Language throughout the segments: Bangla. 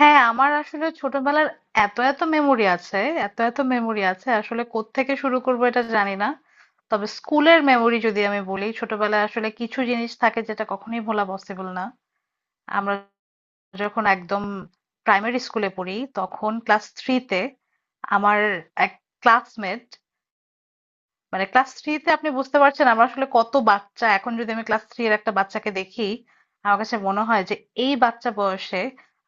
হ্যাঁ, আমার আসলে ছোটবেলার এত এত মেমোরি আছে, আসলে কোত্থেকে শুরু করবো এটা জানি না। তবে স্কুলের মেমোরি যদি আমি বলি, ছোটবেলায় আসলে কিছু জিনিস থাকে যেটা কখনোই ভোলা পসিবল না। আমরা যখন একদম প্রাইমারি স্কুলে পড়ি, তখন ক্লাস থ্রিতে আমার এক ক্লাসমেট, মানে ক্লাস থ্রিতে আপনি বুঝতে পারছেন আমরা আসলে কত বাচ্চা। এখন যদি আমি ক্লাস থ্রি এর একটা বাচ্চাকে দেখি, আমার কাছে মনে হয় যে এই বাচ্চা বয়সে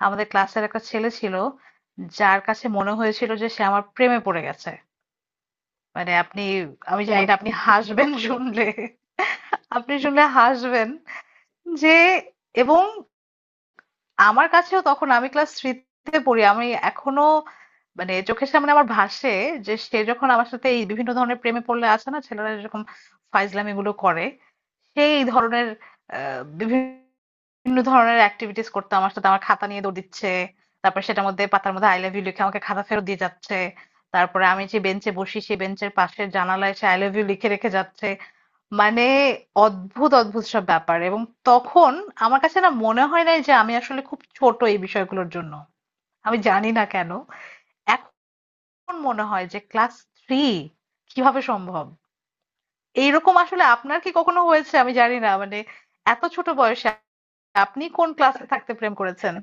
আমাদের ক্লাসের একটা ছেলে ছিল, যার কাছে মনে হয়েছিল যে সে আমার প্রেমে পড়ে গেছে। মানে আপনি, আমি জানি না আপনি হাসবেন শুনলে, আপনি শুনলে হাসবেন যে, এবং আমার কাছেও তখন আমি ক্লাস থ্রিতে পড়ি, আমি এখনো মানে চোখের সামনে আমার ভাসে যে সে যখন আমার সাথে এই বিভিন্ন ধরনের প্রেমে পড়লে আছে না, ছেলেরা যেরকম ফাইজলামি গুলো করে সেই ধরনের বিভিন্ন ধরনের অ্যাক্টিভিটিস করতো আমার সাথে। আমার খাতা নিয়ে দৌড় দিচ্ছে, তারপর সেটার মধ্যে পাতার মধ্যে আই লাভ ইউ লিখে আমাকে খাতা ফেরত দিয়ে যাচ্ছে। তারপরে আমি যে বেঞ্চে বসি সেই বেঞ্চের পাশে জানালায় সে আই লাভ ইউ লিখে রেখে যাচ্ছে। মানে অদ্ভুত অদ্ভুত সব ব্যাপার, এবং তখন আমার কাছে না মনে হয় নাই যে আমি আসলে খুব ছোট এই বিষয়গুলোর জন্য। আমি জানি না কেন এখন মনে হয় যে ক্লাস থ্রি, কিভাবে সম্ভব এইরকম। আসলে আপনার কি কখনো হয়েছে আমি জানি না, মানে এত ছোট বয়সে? আপনি কোন ক্লাসে থাকতে প্রেম করেছেন?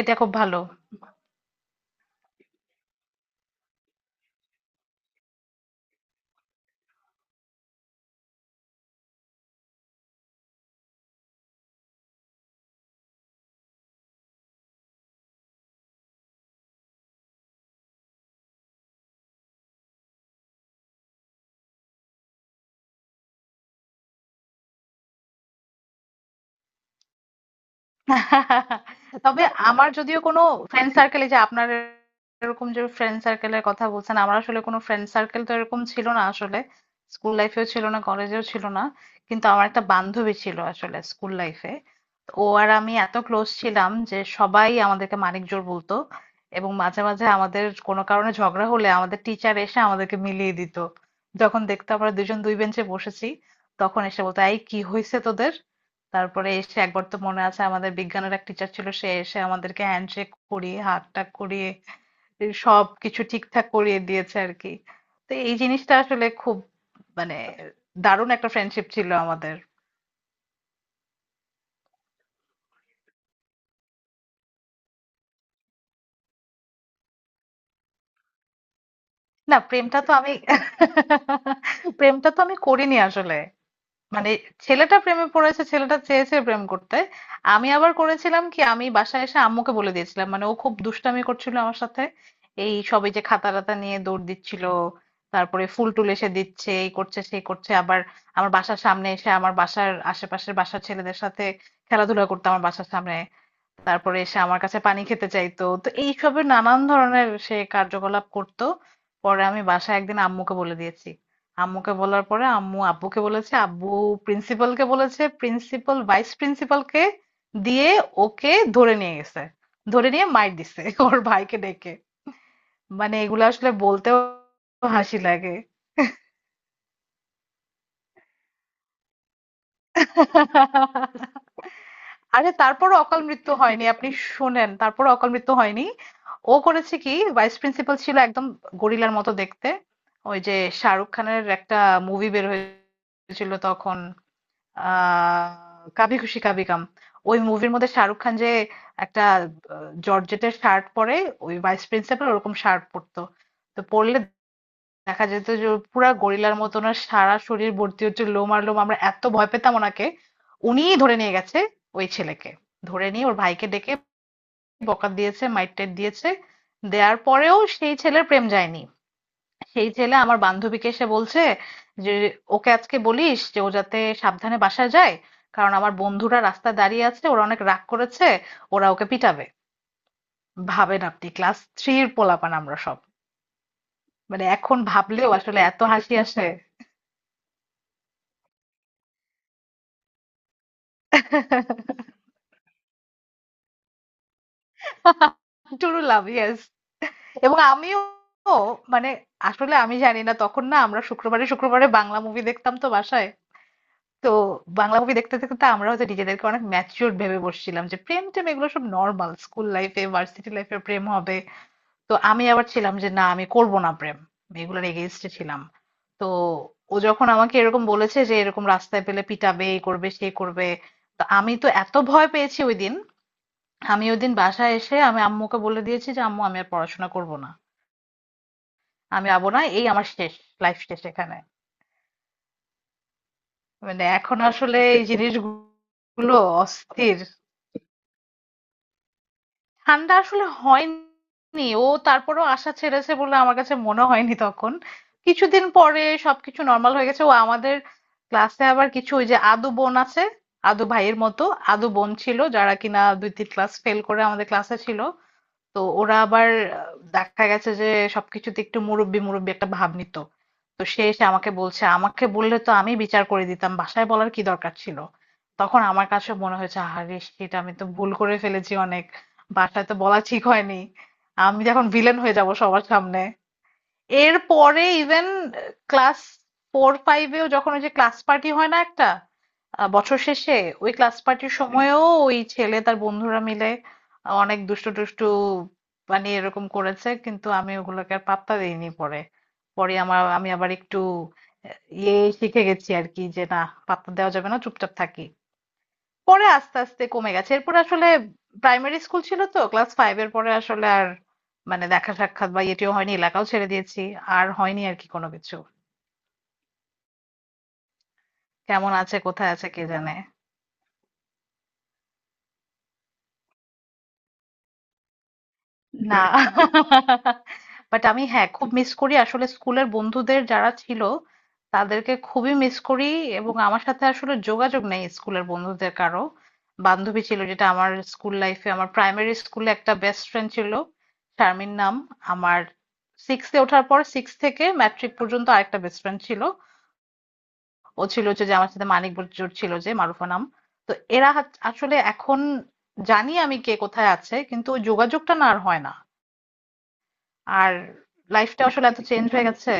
এটা খুব ভালো। তবে আমার যদিও কোনো ফ্রেন্ড সার্কেলে যে আপনার, এরকম যে ফ্রেন্ড সার্কেলের কথা বলছেন, আমার আসলে কোনো ফ্রেন্ড সার্কেল তো এরকম ছিল না আসলে, স্কুল লাইফেও ছিল না, কলেজেও ছিল না। কিন্তু আমার একটা বান্ধবী ছিল আসলে স্কুল লাইফে। ও আর আমি এত ক্লোজ ছিলাম যে সবাই আমাদেরকে মানিক জোড় বলতো। এবং মাঝে মাঝে আমাদের কোনো কারণে ঝগড়া হলে আমাদের টিচার এসে আমাদেরকে মিলিয়ে দিত। যখন দেখতো আমরা দুজন দুই বেঞ্চে বসেছি, তখন এসে বলতো এই কি হয়েছে তোদের। তারপরে এসে একবার তো মনে আছে আমাদের বিজ্ঞানের এক টিচার ছিল, সে এসে আমাদেরকে হ্যান্ডশেক করিয়ে, হাতটাক করিয়ে সব কিছু ঠিকঠাক করিয়ে দিয়েছে আর কি। তো এই জিনিসটা আসলে খুব মানে দারুণ একটা ফ্রেন্ডশিপ ছিল আমাদের। না, প্রেমটা তো আমি প্রেমটা তো আমি করিনি আসলে। মানে ছেলেটা প্রেমে পড়েছে, ছেলেটা চেয়েছে প্রেম করতে। আমি আবার করেছিলাম কি, আমি বাসায় এসে আম্মুকে বলে দিয়েছিলাম, মানে ও খুব দুষ্টামি করছিল আমার সাথে। এই সবে যে খাতা টাতা নিয়ে দৌড় দিচ্ছিল, তারপরে ফুল টুল এসে দিচ্ছে, এই করছে সেই করছে, আবার আমার বাসার সামনে এসে আমার বাসার আশেপাশের বাসার ছেলেদের সাথে খেলাধুলা করতে আমার বাসার সামনে, তারপরে এসে আমার কাছে পানি খেতে চাইতো, তো এইসবের নানান ধরনের সে কার্যকলাপ করতো। পরে আমি বাসায় একদিন আম্মুকে বলে দিয়েছি। আম্মুকে বলার পরে আম্মু আব্বুকে বলেছে, আব্বু প্রিন্সিপালকে বলেছে, প্রিন্সিপাল ভাইস প্রিন্সিপালকে দিয়ে ওকে ধরে নিয়ে গেছে। ধরে নিয়ে মাইর দিছে ওর ভাইকে ডেকে। মানে এগুলো আসলে বলতেও হাসি লাগে। আরে তারপরও অকাল মৃত্যু হয়নি, আপনি শোনেন তারপরও অকাল মৃত্যু হয়নি। ও করেছে কি, ভাইস প্রিন্সিপাল ছিল একদম গরিলার মতো দেখতে। ওই যে শাহরুখ খানের একটা মুভি বের হয়েছিল তখন, আহ, কাভি খুশি কাভি গাম, ওই মুভির মধ্যে শাহরুখ খান যে একটা জর্জেটের শার্ট পরে, ওই ভাইস প্রিন্সিপাল ওরকম শার্ট পরতো। তো পরলে দেখা যেত যে ওর পুরা গরিলার মতন ওনার সারা শরীর ভর্তি হচ্ছে লোম আর লোম, আমরা এত ভয় পেতাম ওনাকে। উনিই ধরে নিয়ে গেছে ওই ছেলেকে, ধরে নিয়ে ওর ভাইকে ডেকে বকা দিয়েছে, মাইর দিয়েছে। দেওয়ার পরেও সেই ছেলের প্রেম যায়নি। সেই ছেলে আমার বান্ধবীকে এসে বলছে যে ওকে আজকে বলিস যে ও যাতে সাবধানে বাসায় যায়, কারণ আমার বন্ধুরা রাস্তায় দাঁড়িয়ে আছে, ওরা অনেক রাগ করেছে, ওরা ওকে পিটাবে। ভাবেন আপনি, ক্লাস থ্রির পোলাপান আমরা সব। মানে এখন ভাবলেও আসলে এত হাসি আসে। টুরু লাভ, ইয়েস। এবং আমিও মানে আসলে আমি জানি না, তখন না আমরা শুক্রবারে শুক্রবারে বাংলা মুভি দেখতাম তো বাসায়। তো বাংলা মুভি দেখতে দেখতে আমরা হয়তো নিজেদেরকে অনেক ম্যাচিওর ভেবে বসছিলাম যে প্রেম টেম এগুলো সব নর্মাল, স্কুল লাইফে ভার্সিটি লাইফে প্রেম হবে। তো আমি আবার ছিলাম যে না, আমি করব না প্রেম, আমি এগুলোর এগেইনস্টে ছিলাম। তো ও যখন আমাকে এরকম বলেছে যে এরকম রাস্তায় পেলে পিটাবে, এই করবে সে করবে, তো আমি তো এত ভয় পেয়েছি ওই দিন। আমি ওই দিন বাসায় এসে আমি আম্মুকে বলে দিয়েছি যে আম্মু আমি আর পড়াশোনা করব না, আমি যাবো না, এই আমার শেষ, লাইফ শেষ এখানে। মানে এখন আসলে এই জিনিসগুলো অস্থির। ঠান্ডা আসলে হয়নি, ও তারপরেও আশা ছেড়েছে বলে আমার কাছে মনে হয়নি তখন। কিছুদিন পরে সবকিছু নর্মাল হয়ে গেছে। ও আমাদের ক্লাসে আবার কিছু ওই যে আদু বোন আছে, আদু ভাইয়ের মতো আদু বোন ছিল যারা কিনা দুই তিন ক্লাস ফেল করে আমাদের ক্লাসে ছিল, তো ওরা আবার দেখা গেছে যে সবকিছুতে একটু মুরব্বি মুরব্বি একটা ভাব নিত। তো সে এসে আমাকে বলছে, আমাকে বললে তো আমি বিচার করে দিতাম, বাসায় বলার কি দরকার ছিল। তখন আমার কাছে মনে হয়েছে আরে সেটা আমি তো ভুল করে ফেলেছি অনেক, বাসায় তো বলা ঠিক হয়নি, আমি যখন ভিলেন হয়ে যাব সবার সামনে। এরপরে ইভেন ক্লাস ফোর ফাইভেও যখন ওই যে ক্লাস পার্টি হয় না একটা, বছর শেষে ওই ক্লাস পার্টির সময়ও ওই ছেলে তার বন্ধুরা মিলে অনেক দুষ্টু টুষ্টু মানে এরকম করেছে, কিন্তু আমি ওগুলোকে আর পাত্তা দিইনি পরে। পরে আমার আমি আবার একটু ইয়ে শিখে গেছি আর কি, যে না পাত্তা দেওয়া যাবে না, চুপচাপ থাকি। পরে আস্তে আস্তে কমে গেছে এরপর আসলে। প্রাইমারি স্কুল ছিল তো, ক্লাস ফাইভ এর পরে আসলে আর মানে দেখা সাক্ষাৎ বা ইয়েটিও হয়নি, এলাকাও ছেড়ে দিয়েছি, আর হয়নি আর কি কোনো কিছু। কেমন আছে কোথায় আছে কে জানে। না, বাট আমি হ্যাঁ খুব মিস করি আসলে স্কুলের বন্ধুদের যারা ছিল তাদেরকে খুবই মিস করি। এবং আমার সাথে আসলে যোগাযোগ নেই স্কুলের বন্ধুদের কারো। বান্ধবী ছিল যেটা আমার স্কুল লাইফে, আমার প্রাইমারি স্কুলে একটা বেস্ট ফ্রেন্ড ছিল, শারমিন নাম। আমার সিক্সে ওঠার পর, সিক্স থেকে ম্যাট্রিক পর্যন্ত আরেকটা বেস্ট ফ্রেন্ড ছিল, ও ছিল হচ্ছে যে আমার সাথে মানিক বজুর ছিল, যে মারুফা নাম। তো এরা আসলে এখন জানি আমি কে কোথায় আছে, কিন্তু ওই যোগাযোগটা না আর হয় না। আর লাইফটা আসলে এত চেঞ্জ হয়ে গেছে।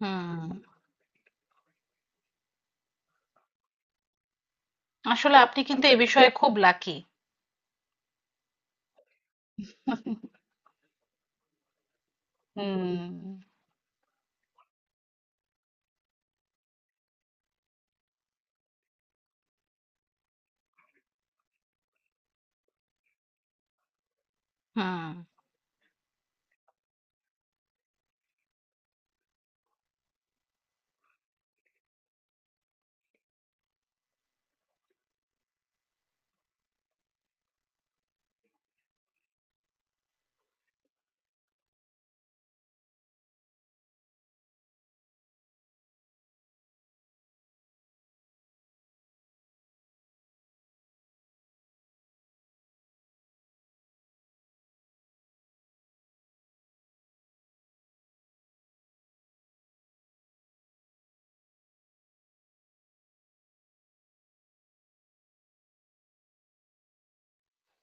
হুম, আসলে আপনি কিন্তু এই বিষয়ে খুব লাকি। হুম। হুম,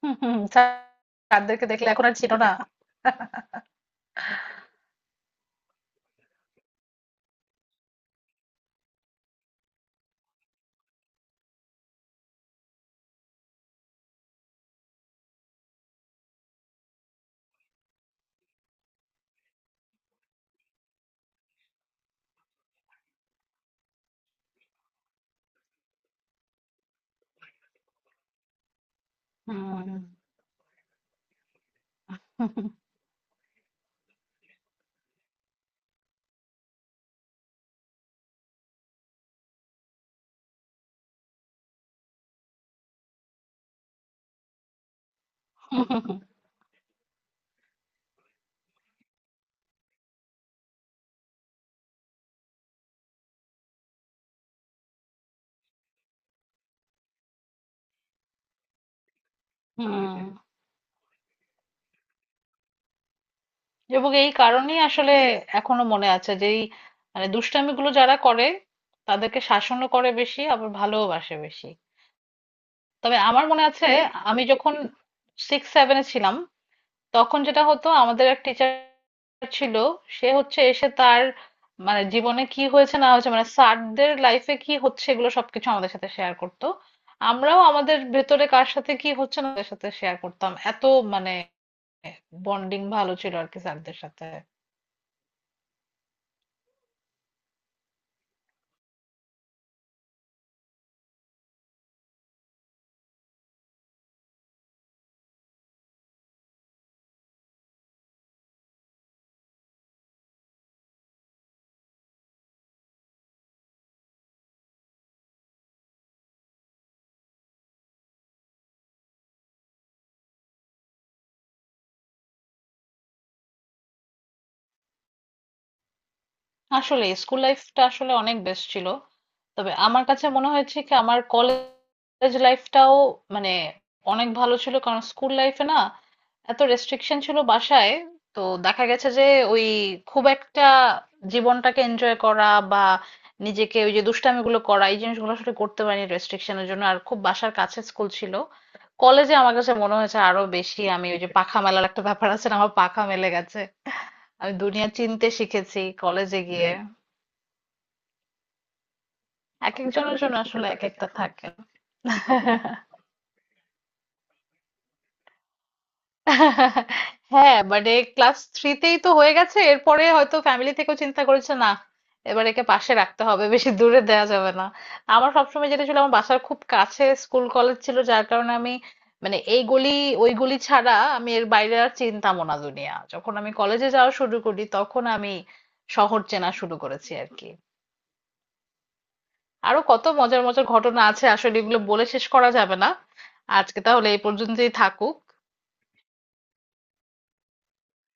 হুম, হুম, তাদেরকে দেখলে এখন আর চিনো না। হুম, হুম। এবং এই কারণেই আসলে এখনো মনে আছে যে এই মানে দুষ্টামিগুলো যারা করে তাদেরকে শাসনও করে বেশি, আবার ভালোবাসে বেশি। তবে আমার মনে আছে, আমি যখন সিক্স সেভেনে ছিলাম তখন যেটা হতো আমাদের এক টিচার ছিল, সে হচ্ছে এসে তার মানে জীবনে কি হয়েছে না হয়েছে, মানে স্যারদের লাইফে কি হচ্ছে এগুলো সবকিছু আমাদের সাথে শেয়ার করতো। আমরাও আমাদের ভেতরে কার সাথে কি হচ্ছে না তাদের সাথে শেয়ার করতাম। এত মানে বন্ডিং ভালো ছিল আর কি স্যারদের সাথে। আসলে স্কুল লাইফটা আসলে অনেক বেস্ট ছিল। তবে আমার কাছে মনে হয়েছে কি আমার কলেজ লাইফটাও মানে অনেক ভালো ছিল, কারণ স্কুল লাইফে না এত রেস্ট্রিকশন ছিল বাসায়। তো দেখা গেছে যে ওই খুব একটা জীবনটাকে এনজয় করা বা নিজেকে ওই যে দুষ্টামিগুলো করা, এই জিনিসগুলো আসলে করতে পারিনি রেস্ট্রিকশনের জন্য, আর খুব বাসার কাছে স্কুল ছিল। কলেজে আমার কাছে মনে হয়েছে আরো বেশি, আমি ওই যে পাখা মেলার একটা ব্যাপার আছে না, আমার পাখা মেলে গেছে। আমি দুনিয়া চিনতে শিখেছি কলেজে গিয়ে। এক একজনের জন্য আসলে এক একটা থাকে। হ্যাঁ, মানে ক্লাস থ্রিতেই তো হয়ে গেছে, এরপরে হয়তো ফ্যামিলি থেকেও চিন্তা করেছে না, এবার একে পাশে রাখতে হবে, বেশি দূরে দেওয়া যাবে না। আমার সবসময় যেটা ছিল আমার বাসার খুব কাছে স্কুল কলেজ ছিল, যার কারণে আমি মানে এই গলি ওই গলি ছাড়া আমি এর বাইরে আর চিনতামও না দুনিয়া। যখন আমি কলেজে যাওয়া শুরু করি তখন আমি শহর চেনা শুরু করেছি আর কি। আরো কত মজার মজার ঘটনা আছে আসলে, এগুলো বলে শেষ করা যাবে না। আজকে তাহলে এই পর্যন্তই থাকুক।